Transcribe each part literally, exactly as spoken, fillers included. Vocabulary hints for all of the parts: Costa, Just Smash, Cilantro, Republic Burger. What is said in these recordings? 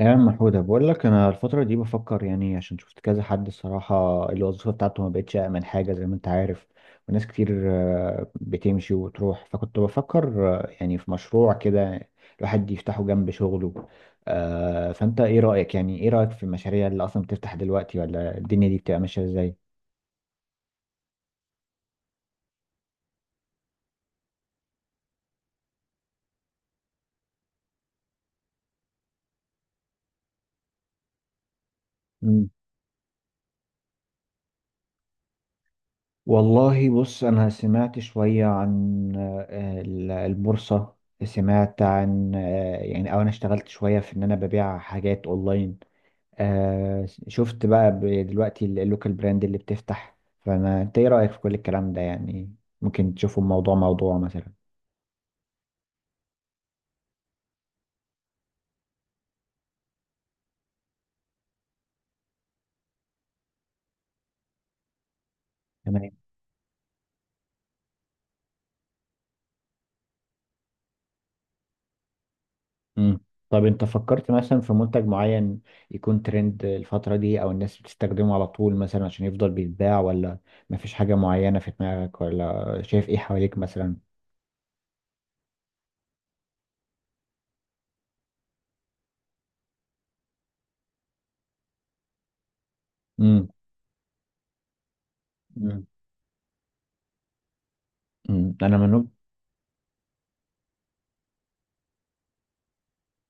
يا عم حودة بقول لك انا الفتره دي بفكر يعني عشان شفت كذا حد الصراحه. الوظيفه بتاعته ما بقتش امن حاجه زي ما انت عارف، وناس كتير آه، بتمشي وتروح. فكنت بفكر آه، يعني في مشروع كده الواحد يفتحه جنب شغله. آه، فانت ايه رايك؟ يعني ايه رايك في المشاريع اللي اصلا بتفتح دلوقتي، ولا الدنيا دي بتبقى ماشيه ازاي؟ مم. والله بص، أنا سمعت شوية عن آه، ال- البورصة، سمعت عن آه، يعني أو أنا اشتغلت شوية في إن أنا ببيع حاجات أونلاين. آه شفت بقى ب- دلوقتي ال- اللوكال براند اللي بتفتح. فانا انت ايه رأيك في كل الكلام ده يعني؟ ممكن تشوفه موضوع موضوع مثلا؟ تمام. امم. طب انت فكرت مثلا في منتج معين يكون ترند الفترة دي او الناس بتستخدمه على طول مثلا عشان يفضل بيتباع، ولا مفيش حاجة معينة في دماغك ولا شايف ايه حواليك مثلا؟ امم. امم انا من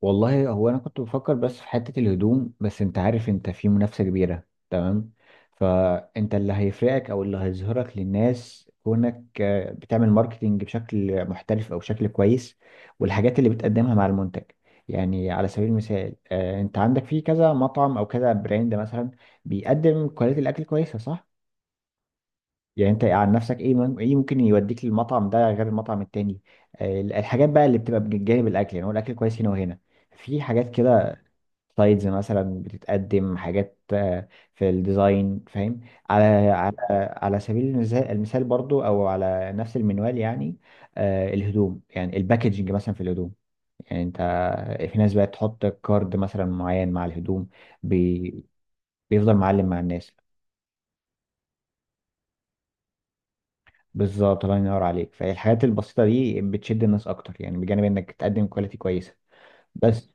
والله هو انا كنت بفكر بس في حتة الهدوم، بس انت عارف انت في منافسة كبيرة. تمام. فانت اللي هيفرقك او اللي هيظهرك للناس كونك آه، بتعمل ماركتينج بشكل محترف او بشكل كويس، والحاجات اللي بتقدمها مع المنتج. يعني على سبيل المثال، آه، انت عندك في كذا مطعم او كذا براند مثلا بيقدم كواليتي الاكل كويسة، صح؟ يعني انت عن نفسك ايه مم- ايه ممكن يوديك للمطعم ده غير المطعم التاني؟ آه، الحاجات بقى اللي بتبقى بجانب الاكل، يعني هو الاكل كويس هنا وهنا، في حاجات كده. سلايدز مثلا، بتتقدم حاجات آه، في الديزاين، فاهم؟ على على على سبيل المثال المثال برضو، او على نفس المنوال يعني. آه، الهدوم، يعني الباكجنج مثلا في الهدوم، يعني انت في ناس بقت تحط كارد مثلا معين مع الهدوم بي بيفضل معلم مع الناس. بالظبط، الله ينور عليك. فالحاجات البسيطة دي بتشد الناس اكتر، يعني بجانب انك تقدم كواليتي كويسة. بس.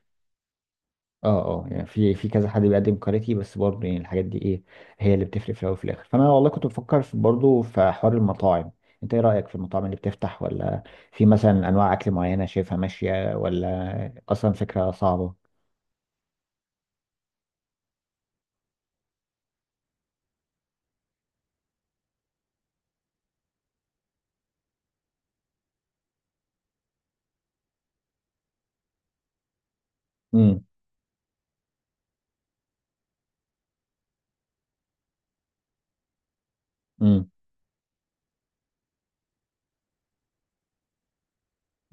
اه. اه يعني في في كذا حد بيقدم كاريتي، بس برضه يعني الحاجات دي ايه هي اللي بتفرق في الاول وفي الاخر. فانا والله كنت بفكر في برضه في حوار المطاعم. انت ايه رايك في المطاعم اللي بتفتح؟ ولا في مثلا انواع اكل معينه شايفها ماشيه، ولا اصلا فكره صعبه؟ امم. امم.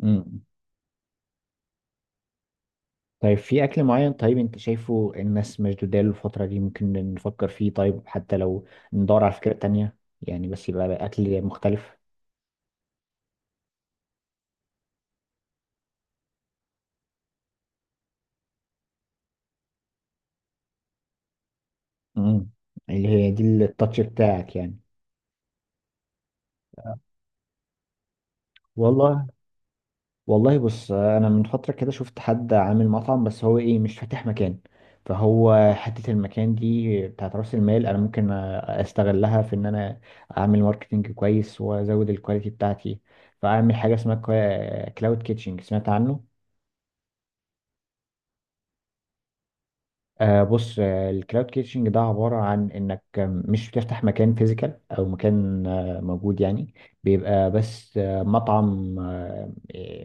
امم. طيب في اكل معين طيب انت شايفه الناس مشدوده له الفتره دي، ممكن نفكر فيه؟ طيب حتى لو ندور على فكره تانية يعني، بس يبقى اكل مختلف. امم. اللي هي دي التاتش بتاعك يعني. والله والله بص، انا من فتره كده شفت حد عامل مطعم، بس هو ايه، مش فاتح مكان. فهو حته المكان دي بتاعت راس المال، انا ممكن استغلها في ان انا اعمل ماركتنج كويس وازود الكواليتي بتاعتي، فاعمل حاجه اسمها كلاود كيتشنج، سمعت عنه؟ آه بص، الكلاود كيتشنج ده عباره عن انك مش بتفتح مكان فيزيكال او مكان آه، موجود يعني، بيبقى بس آه، مطعم آه،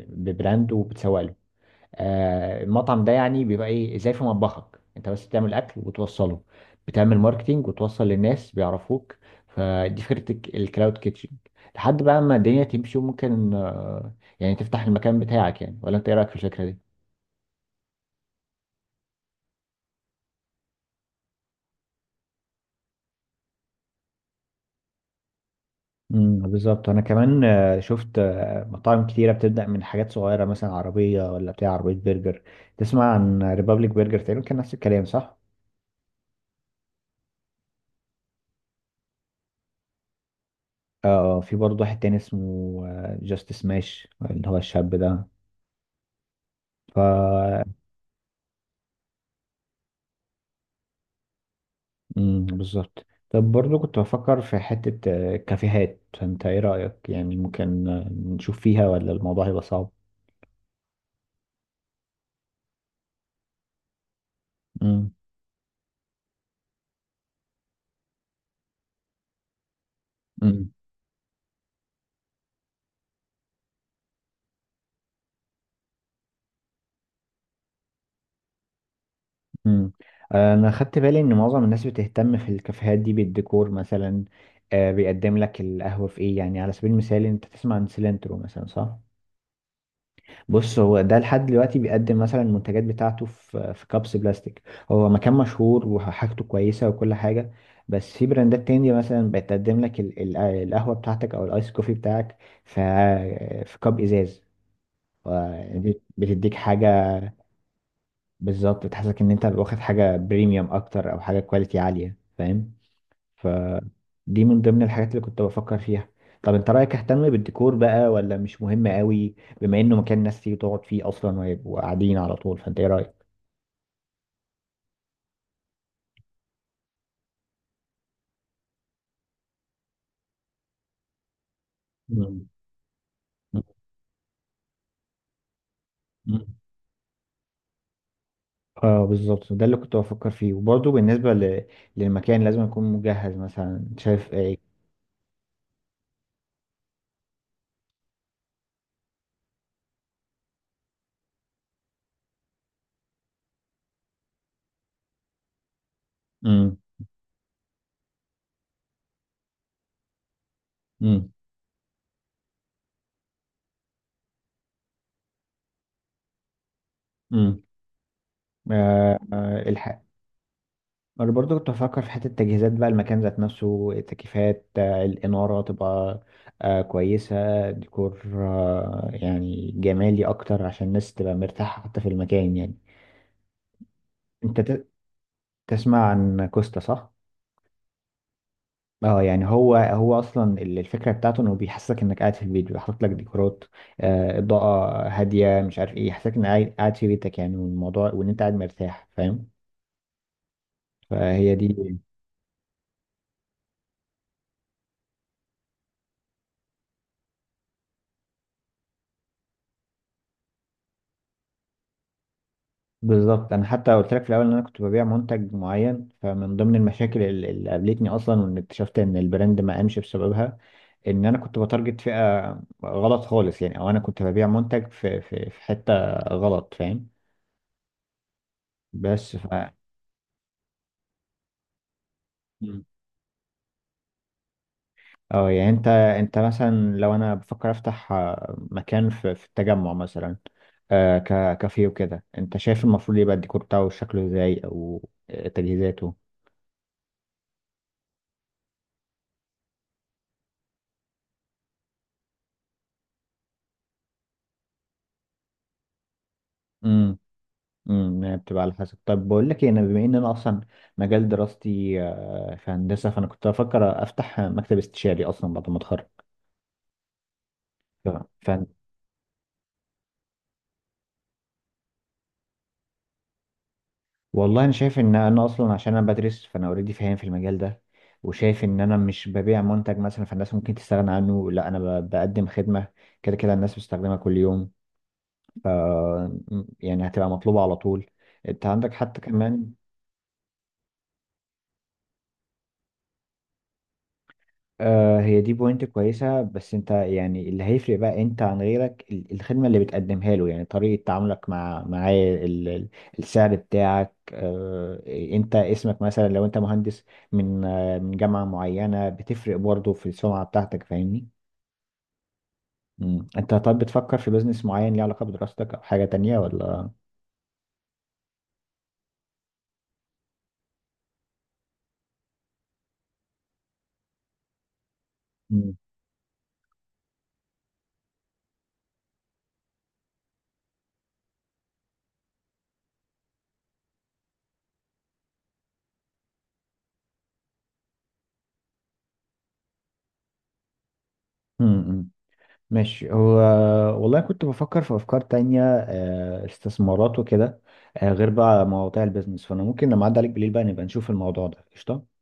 ببراند وبتسوق له. آه، المطعم ده يعني بيبقى ايه، زي في مطبخك انت بس بتعمل اكل وتوصله، بتعمل ماركتينج وتوصل للناس بيعرفوك. فدي فكرة الك- الكلاود كيتشن، لحد بقى ما الدنيا تمشي وممكن آه، يعني تفتح المكان بتاعك يعني. ولا انت ايه رأيك في الفكرة دي؟ امم بالظبط. انا كمان آه، شفت آه، مطاعم كتيره بتبدا من حاجات صغيره، مثلا عربيه، ولا بتاع عربيه برجر. تسمع عن ريبابليك برجر؟ تقريبا كان نفس الكلام، صح؟ اه. آه، في برضه واحد تاني اسمه جاست سماش، اللي هو الشاب ده. امم بالظبط. طب برضو كنت بفكر في حتة آه، كافيهات، فانت ايه رأيك؟ يعني ممكن آه، نشوف فيها، ولا الموضوع هيبقى صعب؟ امم. امم. امم. انا خدت بالي ان معظم الناس بتهتم في الكافيهات دي بالديكور مثلا. آه، بيقدم لك القهوة في ايه يعني؟ على سبيل المثال انت تسمع عن سيلنترو مثلا، صح؟ بص، هو ده لحد دلوقتي بيقدم مثلا المنتجات بتاعته في في كابس بلاستيك. هو مكان مشهور وحاجته كويسة وكل حاجة، بس في براندات تانية مثلا بتقدم لك ال- ال- القهوة بتاعتك أو الآيس كوفي بتاعك في في كاب إزاز، ودي بتديك حاجة. بالظبط، بتحسسك إن أنت واخد حاجة بريميوم أكتر، أو حاجة كواليتي عالية، فاهم؟ فدي من ضمن الحاجات اللي كنت بفكر فيها. طب انت رأيك اهتم بالديكور بقى، ولا مش مهم قوي؟ بما انه مكان ناس تيجي تقعد فيه اصلا ويبقوا قاعدين على طول، فانت ايه رأيك؟ مم. مم. اه بالظبط، ده اللي كنت بفكر فيه. وبرضه بالنسبة ل... للمكان، لازم يكون مجهز مثلا، شايف ايه؟ امم. امم. امم. انا برضو كنت بفكر في حته التجهيزات بقى، المكان ذات نفسه، التكييفات، آه، الاناره تبقى آه، كويسه، ديكور آه، يعني جمالي اكتر عشان الناس تبقى مرتاحه حتى في المكان يعني. انت ت- تسمع عن كوستا، صح؟ اه يعني هو هو اصلا ال- الفكره بتاعته انه بيحسسك انك قاعد في البيت، بيحط لك ديكورات، آه، اضاءه هاديه، مش عارف ايه، يحسسك انك قاعد قاعد في بيتك يعني، والموضوع وان انت قاعد مرتاح، فاهم؟ فهي دي. بالظبط. انا حتى قلت لك في الاول ان انا كنت ببيع منتج معين، فمن ضمن المشاكل ال- اللي قابلتني اصلا وان اكتشفت ان البراند ما قامش بسببها ان انا كنت بتارجت فئه غلط خالص يعني، او انا كنت ببيع منتج في في في حته غلط، فاهم؟ بس ف مم. اه يعني انت انت مثلا لو انا بفكر افتح آه، مكان في في التجمع مثلا، آه، ك- كافيه وكده، انت شايف المفروض يبقى الديكور بتاعه شكله ازاي، او آه، تجهيزاته؟ امم هي بتبقى على حسب. طب بقول لك إيه، انا بما ان انا اصلا مجال دراستي آه، في هندسه، فانا كنت بفكر افتح مكتب استشاري اصلا بعد ما اتخرج. ف... ف... والله انا شايف ان انا اصلا عشان انا بدرس فانا اوريدي فاهم في المجال ده، وشايف ان انا مش ببيع منتج مثلا فالناس ممكن تستغنى عنه، لا انا ب... بقدم خدمه، كده كده الناس بتستخدمها كل يوم. ف... يعني هتبقى مطلوبه على طول. انت عندك حتى كمان. آه هي دي بوينت كويسة. بس انت يعني اللي هيفرق بقى انت عن غيرك ال- الخدمة اللي بتقدمها له، يعني طريقة تعاملك مع معاه، ال- ال- السعر بتاعك، آه. انت اسمك مثلا لو انت مهندس من آه من جامعة معينة، بتفرق برضه في السمعة بتاعتك، فاهمني؟ مم. انت طب بتفكر في بزنس معين ليه علاقة بدراستك او حاجة تانية، ولا؟ مم. مم، ماشي. هو والله كنت بفكر في أفكار تانية، آه، استثمارات وكده، آه، غير بقى مواضيع البيزنس. فأنا ممكن لما أعدي عليك بالليل بقى نبقى نشوف الموضوع ده. قشطة.